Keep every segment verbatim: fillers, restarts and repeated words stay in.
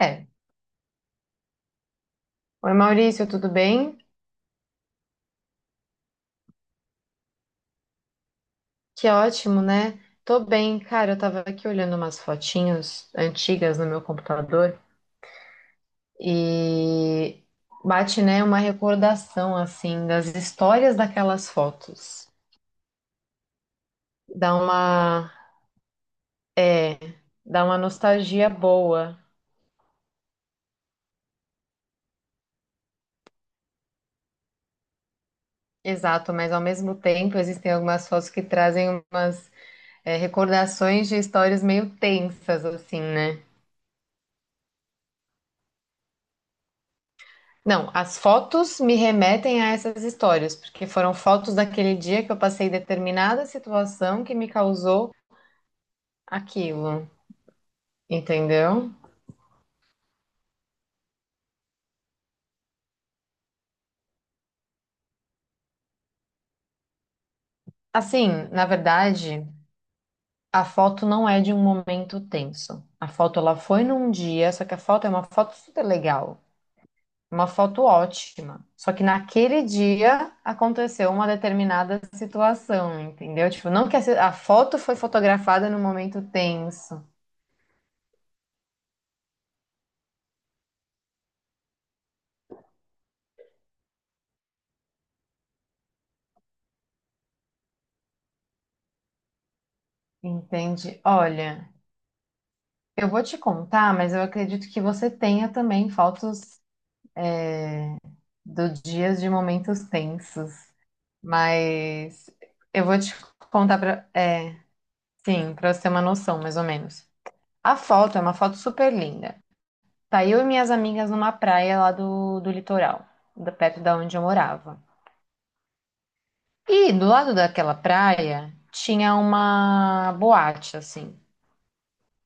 É. Oi, Maurício, tudo bem? Que ótimo, né? Tô bem, cara. Eu tava aqui olhando umas fotinhas antigas no meu computador e bate, né, uma recordação, assim, das histórias daquelas fotos. Dá uma, é, dá uma nostalgia boa. Exato, mas ao mesmo tempo existem algumas fotos que trazem umas, é, recordações de histórias meio tensas, assim, né? Não, as fotos me remetem a essas histórias, porque foram fotos daquele dia que eu passei determinada situação que me causou aquilo, entendeu? Assim, na verdade, a foto não é de um momento tenso. A foto ela foi num dia, só que a foto é uma foto super legal, uma foto ótima. Só que naquele dia aconteceu uma determinada situação, entendeu? Tipo, não que a a foto foi fotografada num momento tenso, entende? Olha. Eu vou te contar, mas eu acredito que você tenha também fotos do dias de momentos tensos. Mas eu vou te contar para, é, sim, para você ter uma noção, mais ou menos. A foto é uma foto super linda. Tá eu e minhas amigas numa praia lá do, do litoral, da- perto da onde eu morava. E do lado daquela praia tinha uma boate, assim.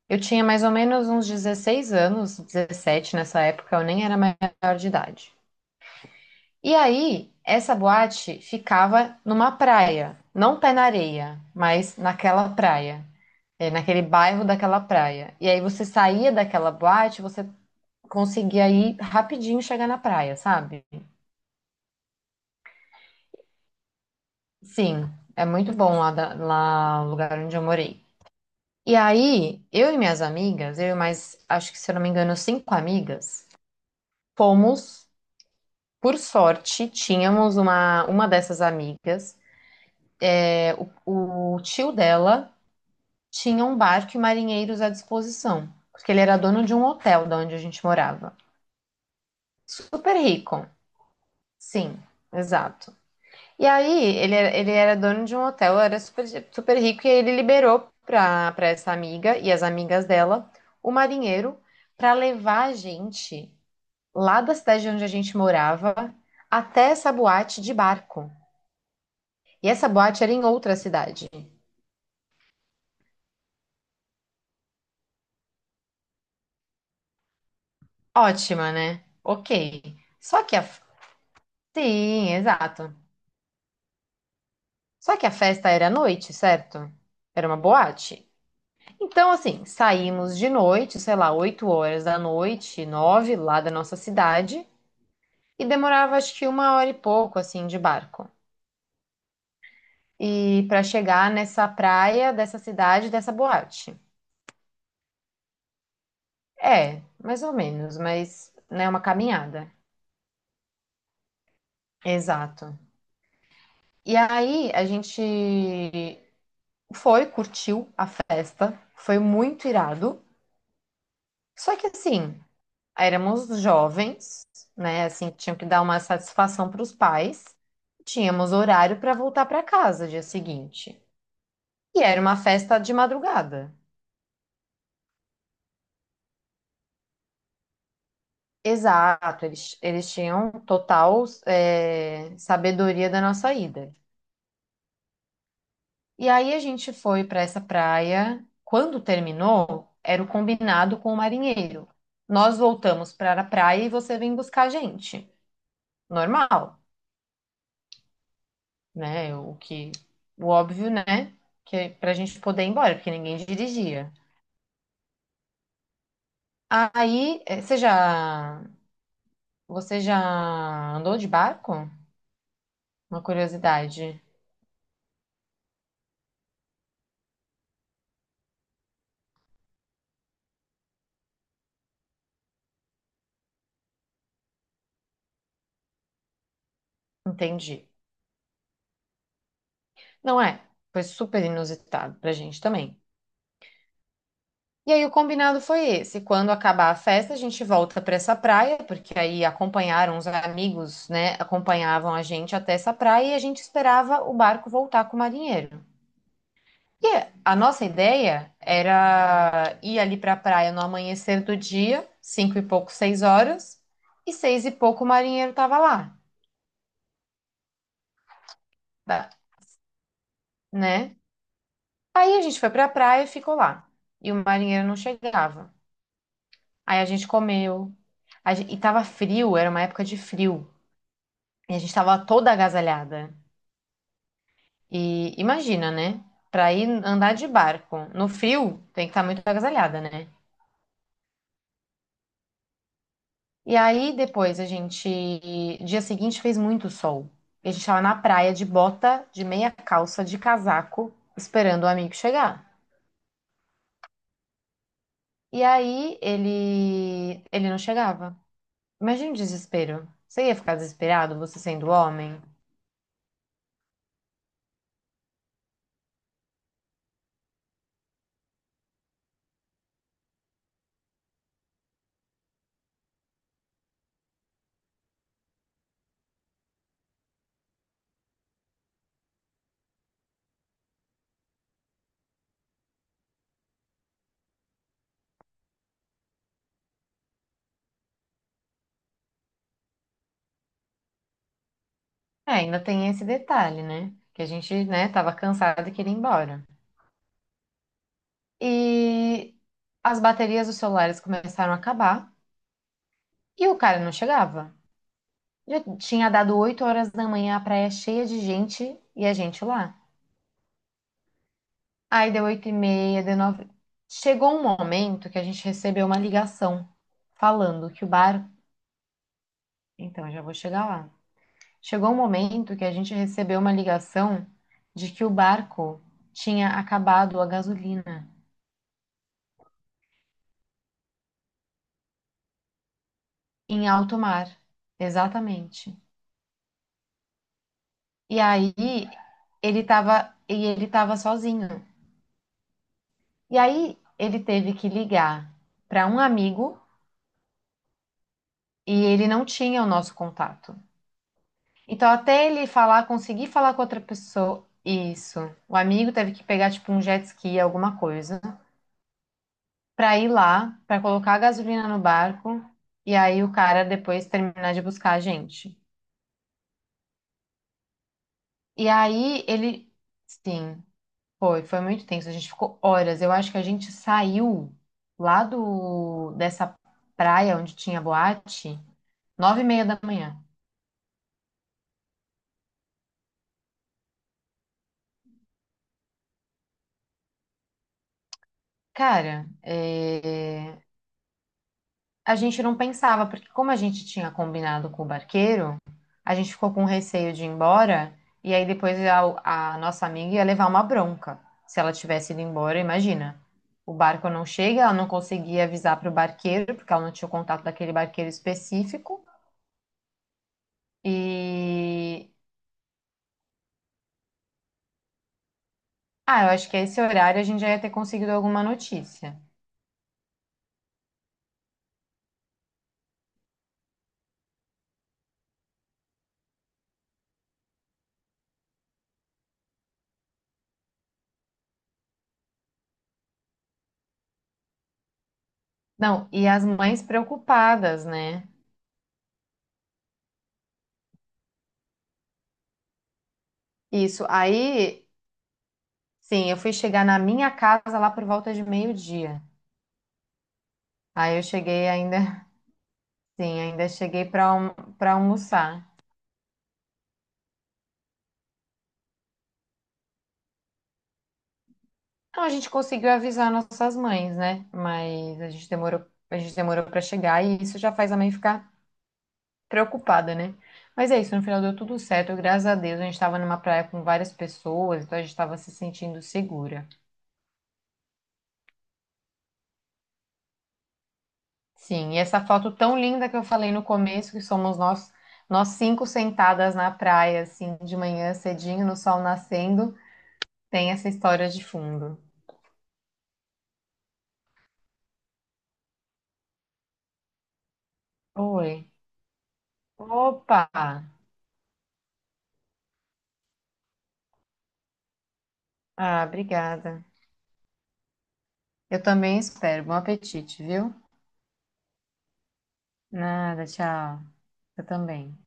Eu tinha mais ou menos uns dezesseis anos, dezessete nessa época, eu nem era maior de idade. E aí, essa boate ficava numa praia, não pé na areia, mas naquela praia, é, naquele bairro daquela praia. E aí você saía daquela boate, você conseguia ir rapidinho chegar na praia, sabe? Sim, é muito bom lá, da- lá no lugar onde eu morei. E aí, eu e minhas amigas, eu e mais, acho que se eu não me engano, cinco amigas, fomos, por sorte, tínhamos uma, uma dessas amigas, é, o tio dela tinha um barco e marinheiros à disposição, porque ele era dono de um hotel da onde a gente morava. Super rico, sim, exato. E aí, ele era, ele era dono de um hotel, era super, super rico, e aí ele liberou para para essa amiga e as amigas dela o marinheiro para levar a gente lá da cidade onde a gente morava até essa boate de barco. E essa boate era em outra cidade. Ótima, né? Ok. Só que a. Sim, exato. Só que a festa era à noite, certo? Era uma boate. Então, assim, saímos de noite, sei lá, oito horas da noite, nove, lá da nossa cidade, e demorava acho que uma hora e pouco, assim, de barco. E para chegar nessa praia dessa cidade, dessa boate. É, mais ou menos, mas, né, uma caminhada. Exato. E aí a gente foi, curtiu a festa, foi muito irado. Só que assim, éramos jovens, né? Assim, que tinham que dar uma satisfação para os pais. Tínhamos horário para voltar para casa dia seguinte. E era uma festa de madrugada. Exato, eles, eles tinham total é, sabedoria da nossa ida. E aí a gente foi para essa praia. Quando terminou, era o combinado com o marinheiro. Nós voltamos para a praia e você vem buscar a gente. Normal. Né? O que, o óbvio, né? Que é pra gente poder ir embora, porque ninguém dirigia. Aí, eh, você já, você já andou de barco? Uma curiosidade. Entendi. Não é? Foi super inusitado pra gente também. E aí o combinado foi esse. Quando acabar a festa, a gente volta pra essa praia, porque aí acompanharam os amigos, né? Acompanhavam a gente até essa praia e a gente esperava o barco voltar com o marinheiro. E a nossa ideia era ir ali para a praia no amanhecer do dia, cinco e pouco, seis horas, e seis e pouco o marinheiro estava lá, tá? Né? Aí a gente foi para a praia e ficou lá. E o marinheiro não chegava. Aí a gente comeu. A gen- e tava frio, era uma época de frio. E a gente tava toda agasalhada. E imagina, né? Para ir andar de barco no frio, tem que estar muito agasalhada, né? E aí depois a gente, dia seguinte fez muito sol. E a gente tava na praia de bota, de meia calça, de casaco, esperando o amigo chegar. E aí ele, ele não chegava. Imagina o desespero. Você ia ficar desesperado, você sendo homem? É, ainda tem esse detalhe, né? Que a gente, né, tava cansado e queria ir embora. E as baterias dos celulares começaram a acabar e o cara não chegava. Já tinha dado oito horas da manhã, a praia cheia de gente e a gente lá. Aí deu oito e meia, deu nove. Chegou um momento que a gente recebeu uma ligação falando que o bar. Então, já vou chegar lá. Chegou um momento que a gente recebeu uma ligação de que o barco tinha acabado a gasolina em alto mar. Exatamente. E aí ele tava, e ele tava sozinho. E aí ele teve que ligar para um amigo e ele não tinha o nosso contato. Então, até ele falar, conseguir falar com outra pessoa, isso. O amigo teve que pegar, tipo, um jet ski, alguma coisa, pra ir lá, pra colocar a gasolina no barco, e aí o cara depois terminar de buscar a gente. E aí ele, sim, foi, foi muito tenso. A gente ficou horas. Eu acho que a gente saiu lá do, dessa praia onde tinha boate, nove e meia da manhã. Cara, é, a gente não pensava, porque como a gente tinha combinado com o barqueiro, a gente ficou com receio de ir embora, e aí depois a, a nossa amiga ia levar uma bronca. Se ela tivesse ido embora, imagina. O barco não chega, ela não conseguia avisar para o barqueiro, porque ela não tinha o contato daquele barqueiro específico. E. Ah, eu acho que a esse horário a gente já ia ter conseguido alguma notícia. Não, e as mães preocupadas, né? Isso. Aí, sim, eu fui chegar na minha casa lá por volta de meio-dia. Aí eu cheguei ainda, sim, ainda cheguei para para almoçar. Então a gente conseguiu avisar nossas mães, né? Mas a gente demorou, a gente demorou para chegar e isso já faz a mãe ficar preocupada, né? Mas é isso, no final deu tudo certo, graças a Deus. A gente estava numa praia com várias pessoas, então a gente estava se sentindo segura. Sim, e essa foto tão linda que eu falei no começo, que somos nós, nós cinco sentadas na praia, assim, de manhã cedinho, no sol nascendo, tem essa história de fundo. Oi. Opa! Ah, obrigada. Eu também espero. Bom apetite, viu? Nada, tchau. Eu também.